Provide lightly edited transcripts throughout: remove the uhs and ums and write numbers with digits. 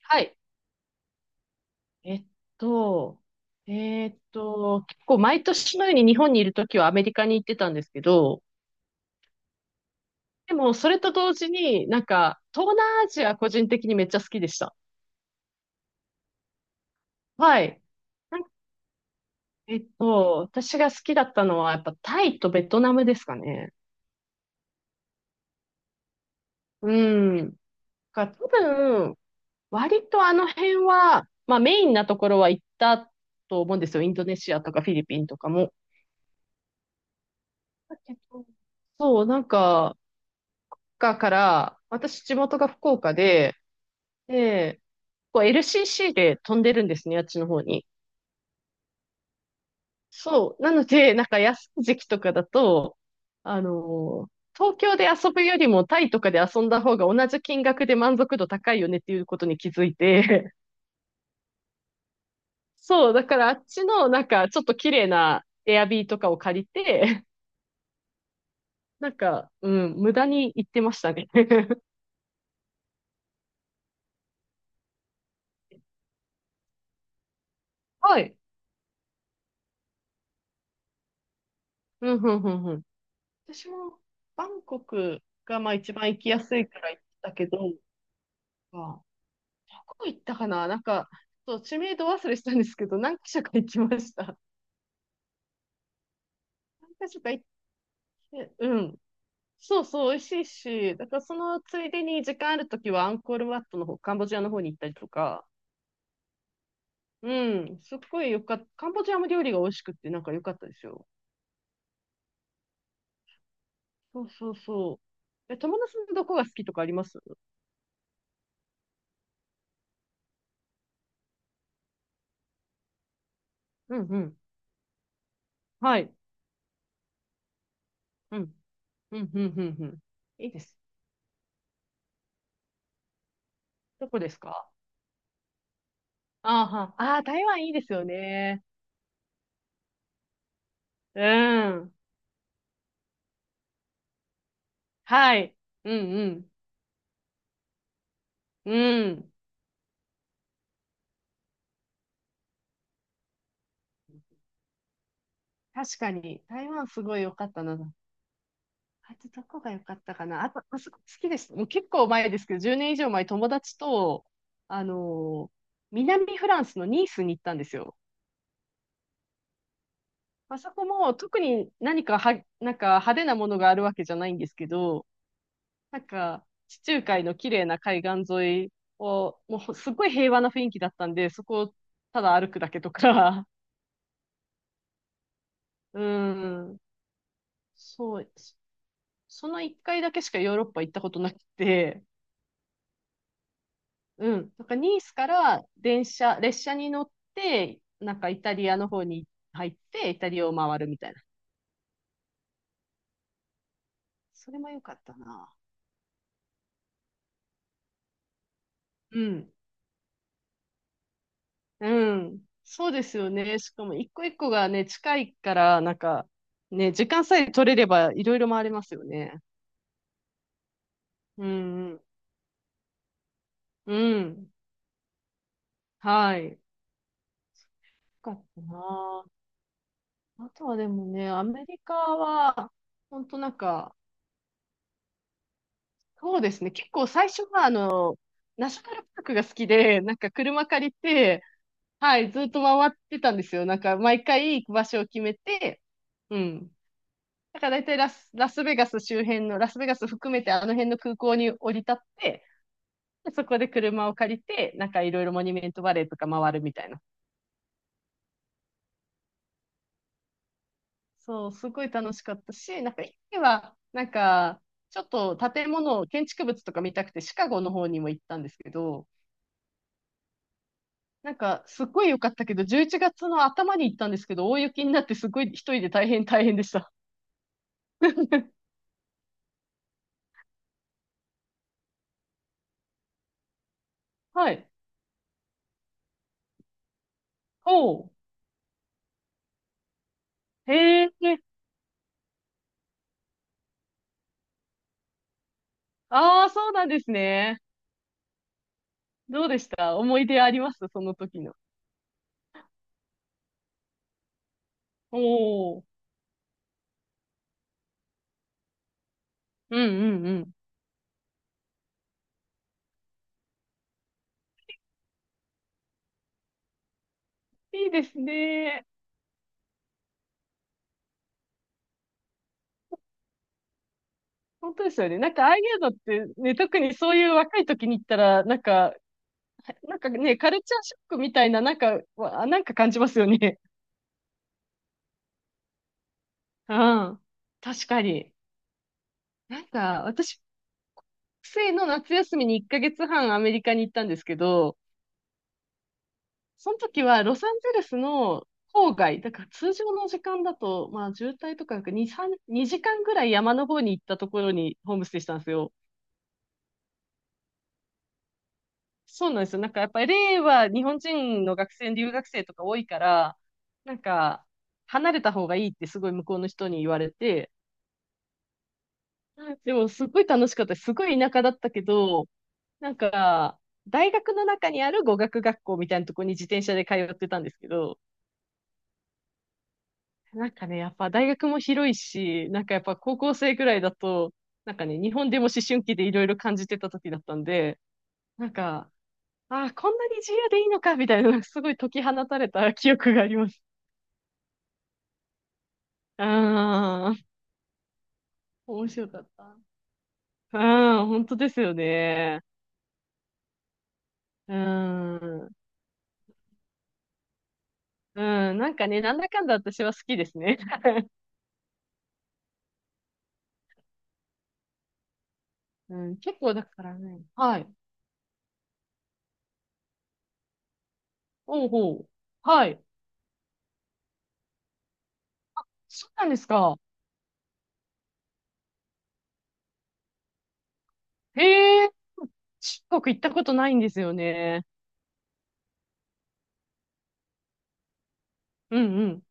はい。えっと、結構毎年のように日本にいるときはアメリカに行ってたんですけど、でもそれと同時になんか東南アジア個人的にめっちゃ好きでした。はい。なんか私が好きだったのはやっぱタイとベトナムですかね。うん。か多分、割とあの辺は、まあメインなところは行ったと思うんですよ。インドネシアとかフィリピンとかも。だけどそう、なんか、岡から、私地元が福岡で、で、こう LCC で飛んでるんですね、あっちの方に。そう。なので、なんか安い時期とかだと、東京で遊ぶよりもタイとかで遊んだ方が同じ金額で満足度高いよねっていうことに気づいて、そう、だからあっちのなんかちょっと綺麗なエアビーとかを借りて、なんか、うん、無駄に行ってましたね。はい。うん、うん、うん、うん。私もバンコクがまあ一番行きやすいから行ったけど、まあどこ行ったかななんか、そう、知名度忘れしたんですけど、何か所か行きました。何か所か行って、うん。そうそう、美味しいし、だからそのついでに時間あるときはアンコールワットの方、カンボジアの方に行ったりとか、うん、すっごいよかった。カンボジアも料理が美味しくってなんか良かったですよ。そうそうそう。え、友達のどこが好きとかありますうんうん。はい。うん。うん、うん、うん、うん。いいです。どこですか？あーは、あー台湾いいですよね。うん。はい。うんうん。うん。確かに、台湾すごい良かったな。あとどこが良かったかな。あと、あそこ好きです。もう結構前ですけど、10年以上前、友達と、あのー南フランスのニースに行ったんですよ。まあそこも特に何かは、なんか派手なものがあるわけじゃないんですけど、なんか、地中海の綺麗な海岸沿いを、もうすっごい平和な雰囲気だったんで、そこをただ歩くだけとか、うん、そう、そその一回だけしかヨーロッパ行ったことなくて、うん、なんかニースから電車、列車に乗って、なんかイタリアの方に入って、イタリアを回るみたいな。それも良かったな。うん。うん。そうですよね。しかも一個一個がね、近いから、なんか、ね、時間さえ取れればいろいろ回れますよね。うん、うん。うん。はい。よかったな。あとはでもね、アメリカは、本当なんか、そうですね。結構最初は、あの、ナショナルパークが好きで、なんか車借りて、はい、ずっと回ってたんですよ。なんか毎回行く場所を決めて、うん。だから大体ラスベガス周辺の、ラスベガス含めてあの辺の空港に降り立って、でそこで車を借りて、なんかいろいろモニュメントバレーとか回るみたいな。そう、すごい楽しかったし、なんか一時は、なんか、ちょっと建築物とか見たくてシカゴの方にも行ったんですけど、なんかすっごい良かったけど、11月の頭に行ったんですけど、大雪になってすごい一人で大変大変でした。はい。おう。へえ。ああ、そうなんですね。どうでした、思い出ありますその時の？おー。うんうんうん。いいですね。本当ですよね。なんかああいうのってね、特にそういう若い時に行ったら、なんか、なんかね、カルチャーショックみたいな、なんか、なんか感じますよね。うん。確かに。なんか、私、学生の夏休みに1ヶ月半アメリカに行ったんですけど、その時はロサンゼルスの郊外、だから通常の時間だと、まあ渋滞とかなく2時間ぐらい山の方に行ったところにホームステイしたんですよ。そうなんですよ。なんかやっぱり l は日本人の学生、留学生とか多いから、なんか離れた方がいいってすごい向こうの人に言われて、でもすごい楽しかったです。すごい田舎だったけど、なんか大学の中にある語学学校みたいなところに自転車で通ってたんですけど、なんかね、やっぱ大学も広いし、なんかやっぱ高校生ぐらいだと、なんかね、日本でも思春期でいろいろ感じてた時だったんで、なんか、ああ、こんなに自由でいいのか、みたいな、なんかすごい解き放たれた記憶があります。ああ、面白かった。ああ、本当ですよね。うん。うん、なんかね、なんだかんだ私は好きですね。うん、結構だからね。はい。ほうほう。はい。そうなんですか？へえ、中国行ったことないんですよね。うんうん。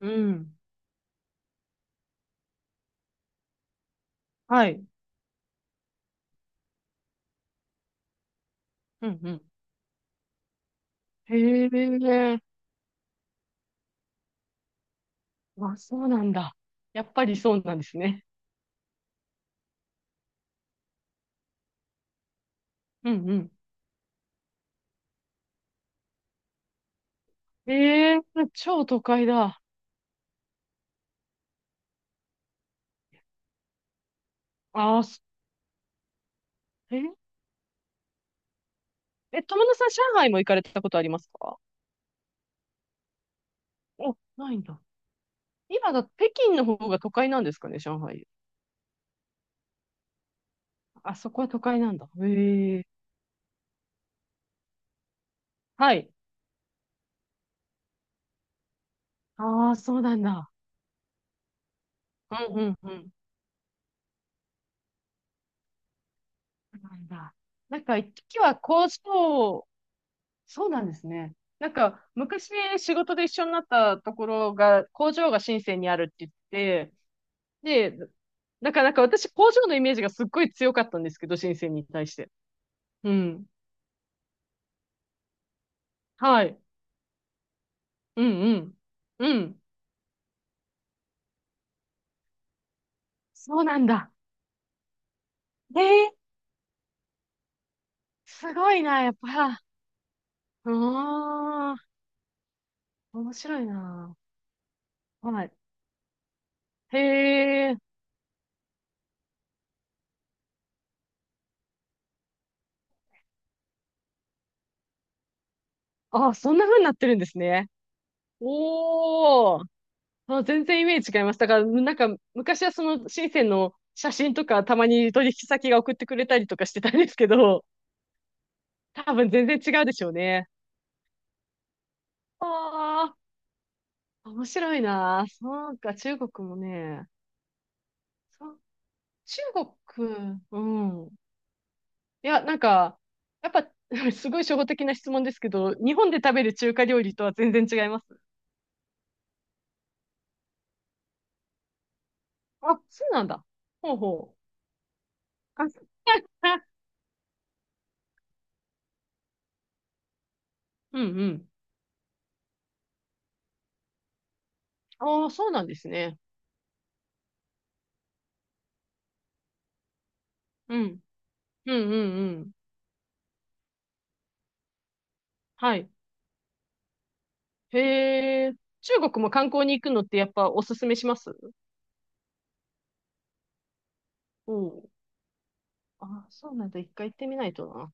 うん。はい。うんうん。へえ。あ、そうなんだ。やっぱりそうなんですね。うんうん。ええ、超都会だ。ああ、そ、えー、え、友野さん、上海も行かれたことありますか？お、ないんだ。今だ、北京の方が都会なんですかね、上海。あそこは都会なんだ。へえ。はい。ああ、そうなんだ。うんうんうん。そうなんだ。なんか、一時は工場、そうなんですね。なんか、昔仕事で一緒になったところが、工場が深センにあるって言って、で、なんか私、工場のイメージがすっごい強かったんですけど、深センに対して。うん。はい。うんうん。うん。そうなんだ。えー、すごいな、やっぱ。うーん。面白いな。はい。へえ。あ、そんな風になってるんですね。おー。あ、全然イメージ違います。だから、なんか、昔はその深センの写真とか、たまに取引先が送ってくれたりとかしてたんですけど、多分全然違うでしょうね。ああ、面白いな。そうか、中国もね。そう、中国、うん。いや、なんか、やっぱ、すごい初歩的な質問ですけど、日本で食べる中華料理とは全然違います。あ、そうなんだ。ほうほう。あ、うんうん。ああ、そうなんですね。うん。うんうんうん。はい。へえ、中国も観光に行くのってやっぱおすすめしますおう、あ、そうなんだ。一回行ってみないとな。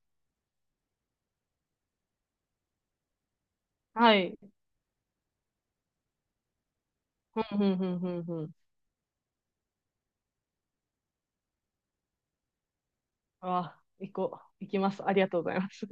はい。ふんふんふんふんふん。あ、行こう。行きます。ありがとうございます。